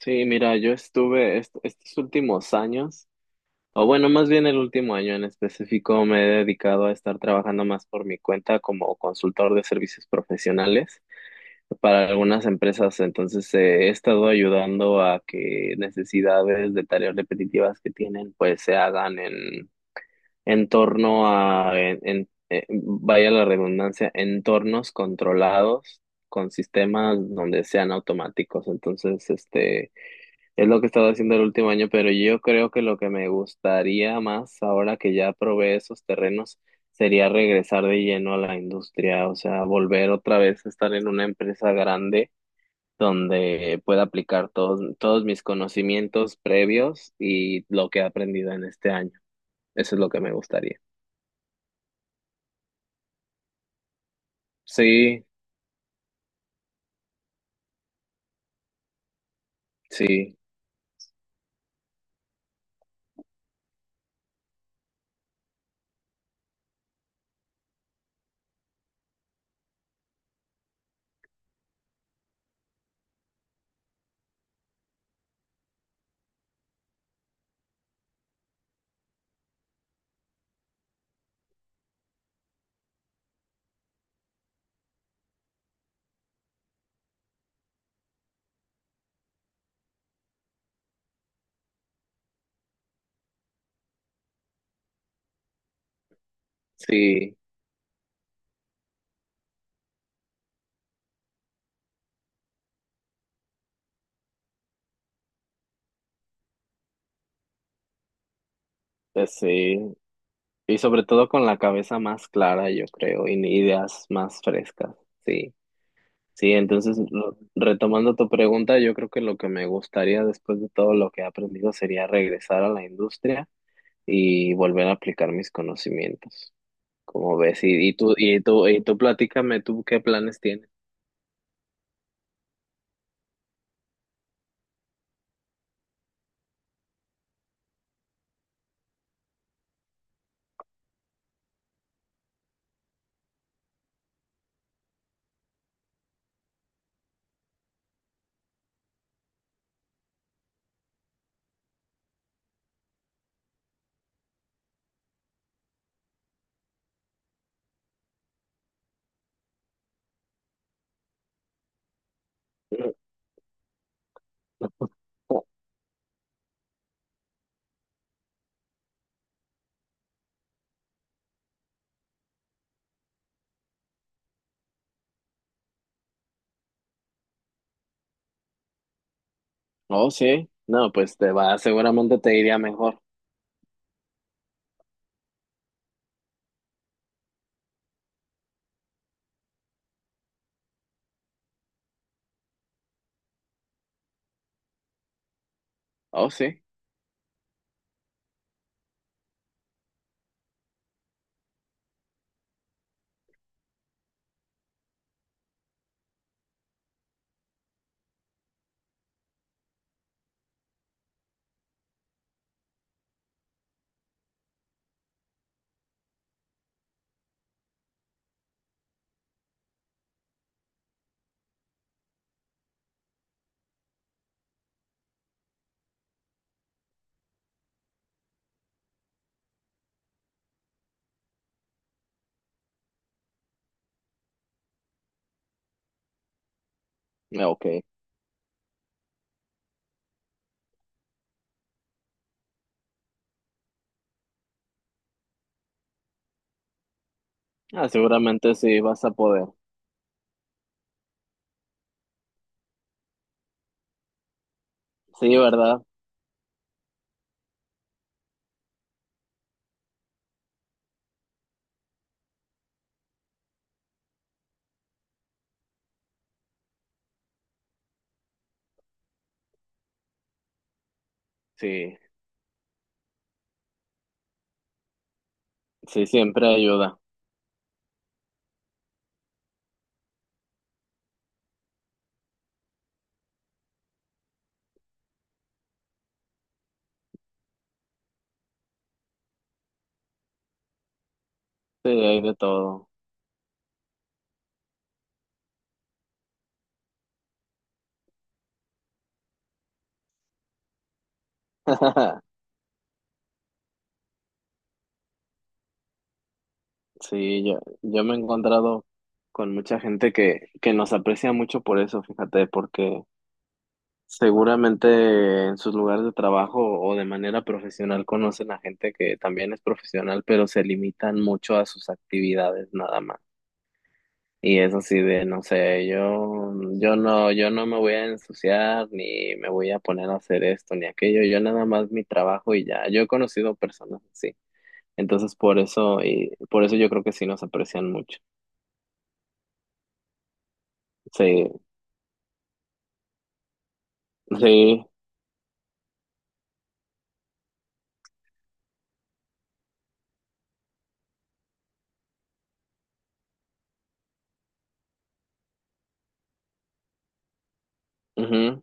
Sí, mira, yo estuve estos últimos años, o bueno, más bien el último año en específico, me he dedicado a estar trabajando más por mi cuenta como consultor de servicios profesionales para algunas empresas. Entonces, he estado ayudando a que necesidades de tareas repetitivas que tienen, pues se hagan en torno a, vaya la redundancia, entornos controlados con sistemas donde sean automáticos. Entonces, Es lo que he estado haciendo el último año, pero yo creo que lo que me gustaría más ahora que ya probé esos terrenos sería regresar de lleno a la industria, o sea, volver otra vez a estar en una empresa grande donde pueda aplicar todos mis conocimientos previos y lo que he aprendido en este año. Eso es lo que me gustaría. Sí, sí, sí, pues sí. Y sobre todo con la cabeza más clara, yo creo, y ideas más frescas. Sí. Sí, entonces retomando tu pregunta, yo creo que lo que me gustaría después de todo lo que he aprendido sería regresar a la industria y volver a aplicar mis conocimientos. Como ves, y tú platícame, tú qué planes tienes. Oh, oh, sí, no, pues te va, seguramente te iría mejor. Oh, sí, ok. Ah, seguramente sí vas a poder. Sí, ¿verdad? Sí, sí, siempre ayuda. Sí, hay de todo. Sí, yo me he encontrado con mucha gente que nos aprecia mucho por eso, fíjate, porque seguramente en sus lugares de trabajo o de manera profesional conocen a gente que también es profesional, pero se limitan mucho a sus actividades nada más. Y es así de, no sé, yo no me voy a ensuciar, ni me voy a poner a hacer esto, ni aquello, yo nada más mi trabajo y ya. Yo he conocido personas así. Entonces por eso, y por eso yo creo que sí nos aprecian mucho. Sí, sí, ujú.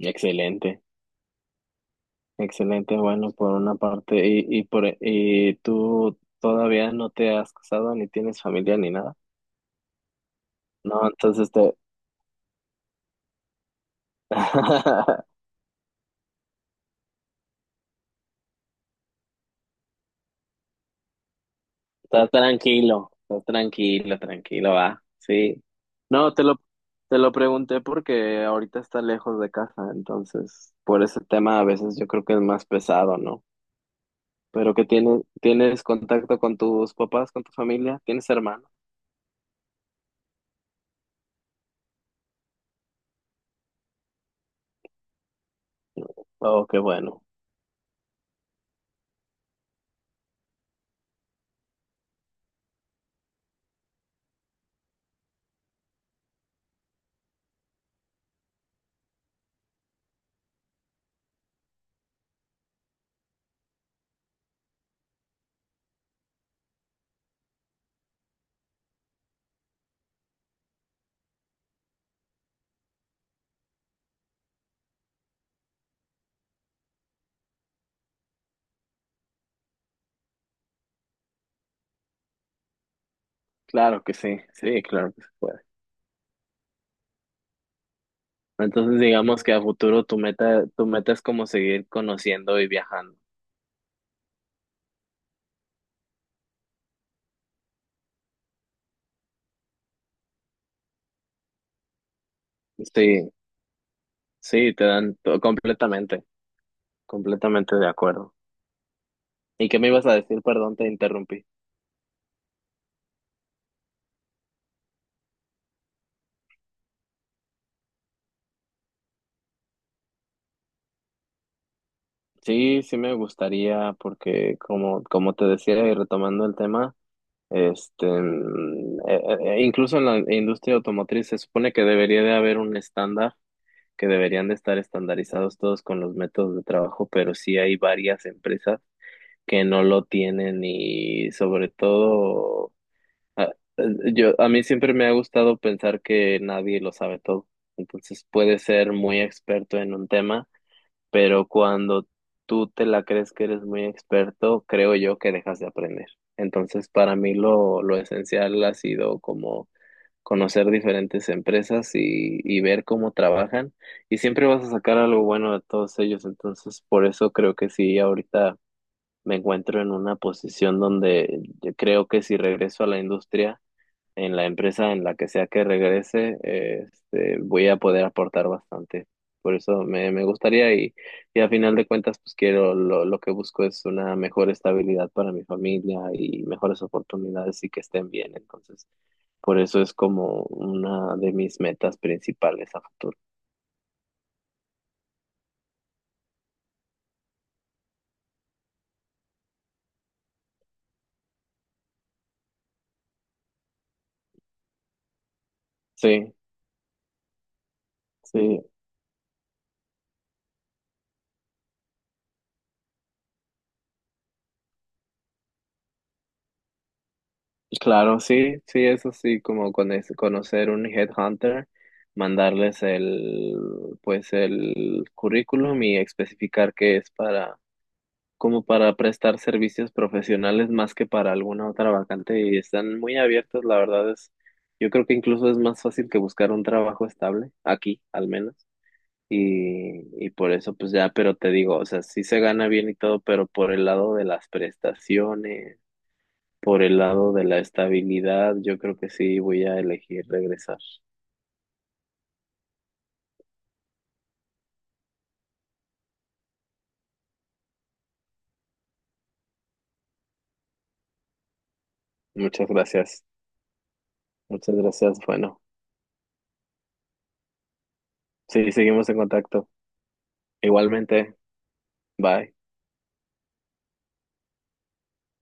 Excelente, excelente, bueno, por una parte, y tú todavía no te has casado, ni tienes familia, ni nada. No, entonces te... estás tranquilo, tranquilo, va, sí. No, te lo pregunté porque ahorita está lejos de casa, entonces por ese tema a veces yo creo que es más pesado, ¿no? Pero que tienes, tienes contacto con tus papás, con tu familia, tienes hermanos. Oh, qué bueno. Claro que sí, sí, claro que se puede. Entonces digamos que a futuro tu meta es como seguir conociendo y viajando. Sí, sí, te dan completamente, completamente de acuerdo. ¿Y qué me ibas a decir? Perdón, te interrumpí. Sí, sí me gustaría porque como, como te decía y retomando el tema, este, mm, eh, incluso en la industria automotriz se supone que debería de haber un estándar, que deberían de estar estandarizados todos con los métodos de trabajo, pero sí hay varias empresas que no lo tienen y sobre todo, a, a mí siempre me ha gustado pensar que nadie lo sabe todo. Entonces puedes ser muy experto en un tema, pero cuando tú te la crees que eres muy experto, creo yo que dejas de aprender. Entonces para mí lo esencial ha sido como conocer diferentes empresas y ver cómo trabajan y siempre vas a sacar algo bueno de todos ellos. Entonces por eso creo que sí, ahorita me encuentro en una posición donde yo creo que si regreso a la industria, en la empresa en la que sea que regrese, voy a poder aportar bastante. Por eso me gustaría y a final de cuentas, pues quiero, lo que busco es una mejor estabilidad para mi familia y mejores oportunidades y que estén bien. Entonces, por eso es como una de mis metas principales a futuro. Sí, sí. Claro, sí, sí, eso sí, como con conocer un headhunter, mandarles el, pues el currículum y especificar que es para, como para prestar servicios profesionales más que para alguna otra vacante y están muy abiertos, la verdad es, yo creo que incluso es más fácil que buscar un trabajo estable, aquí al menos, y por eso pues ya, pero te digo, o sea, sí se gana bien y todo, pero por el lado de las prestaciones por el lado de la estabilidad, yo creo que sí voy a elegir regresar. Muchas gracias. Muchas gracias. Bueno, sí, seguimos en contacto. Igualmente, bye.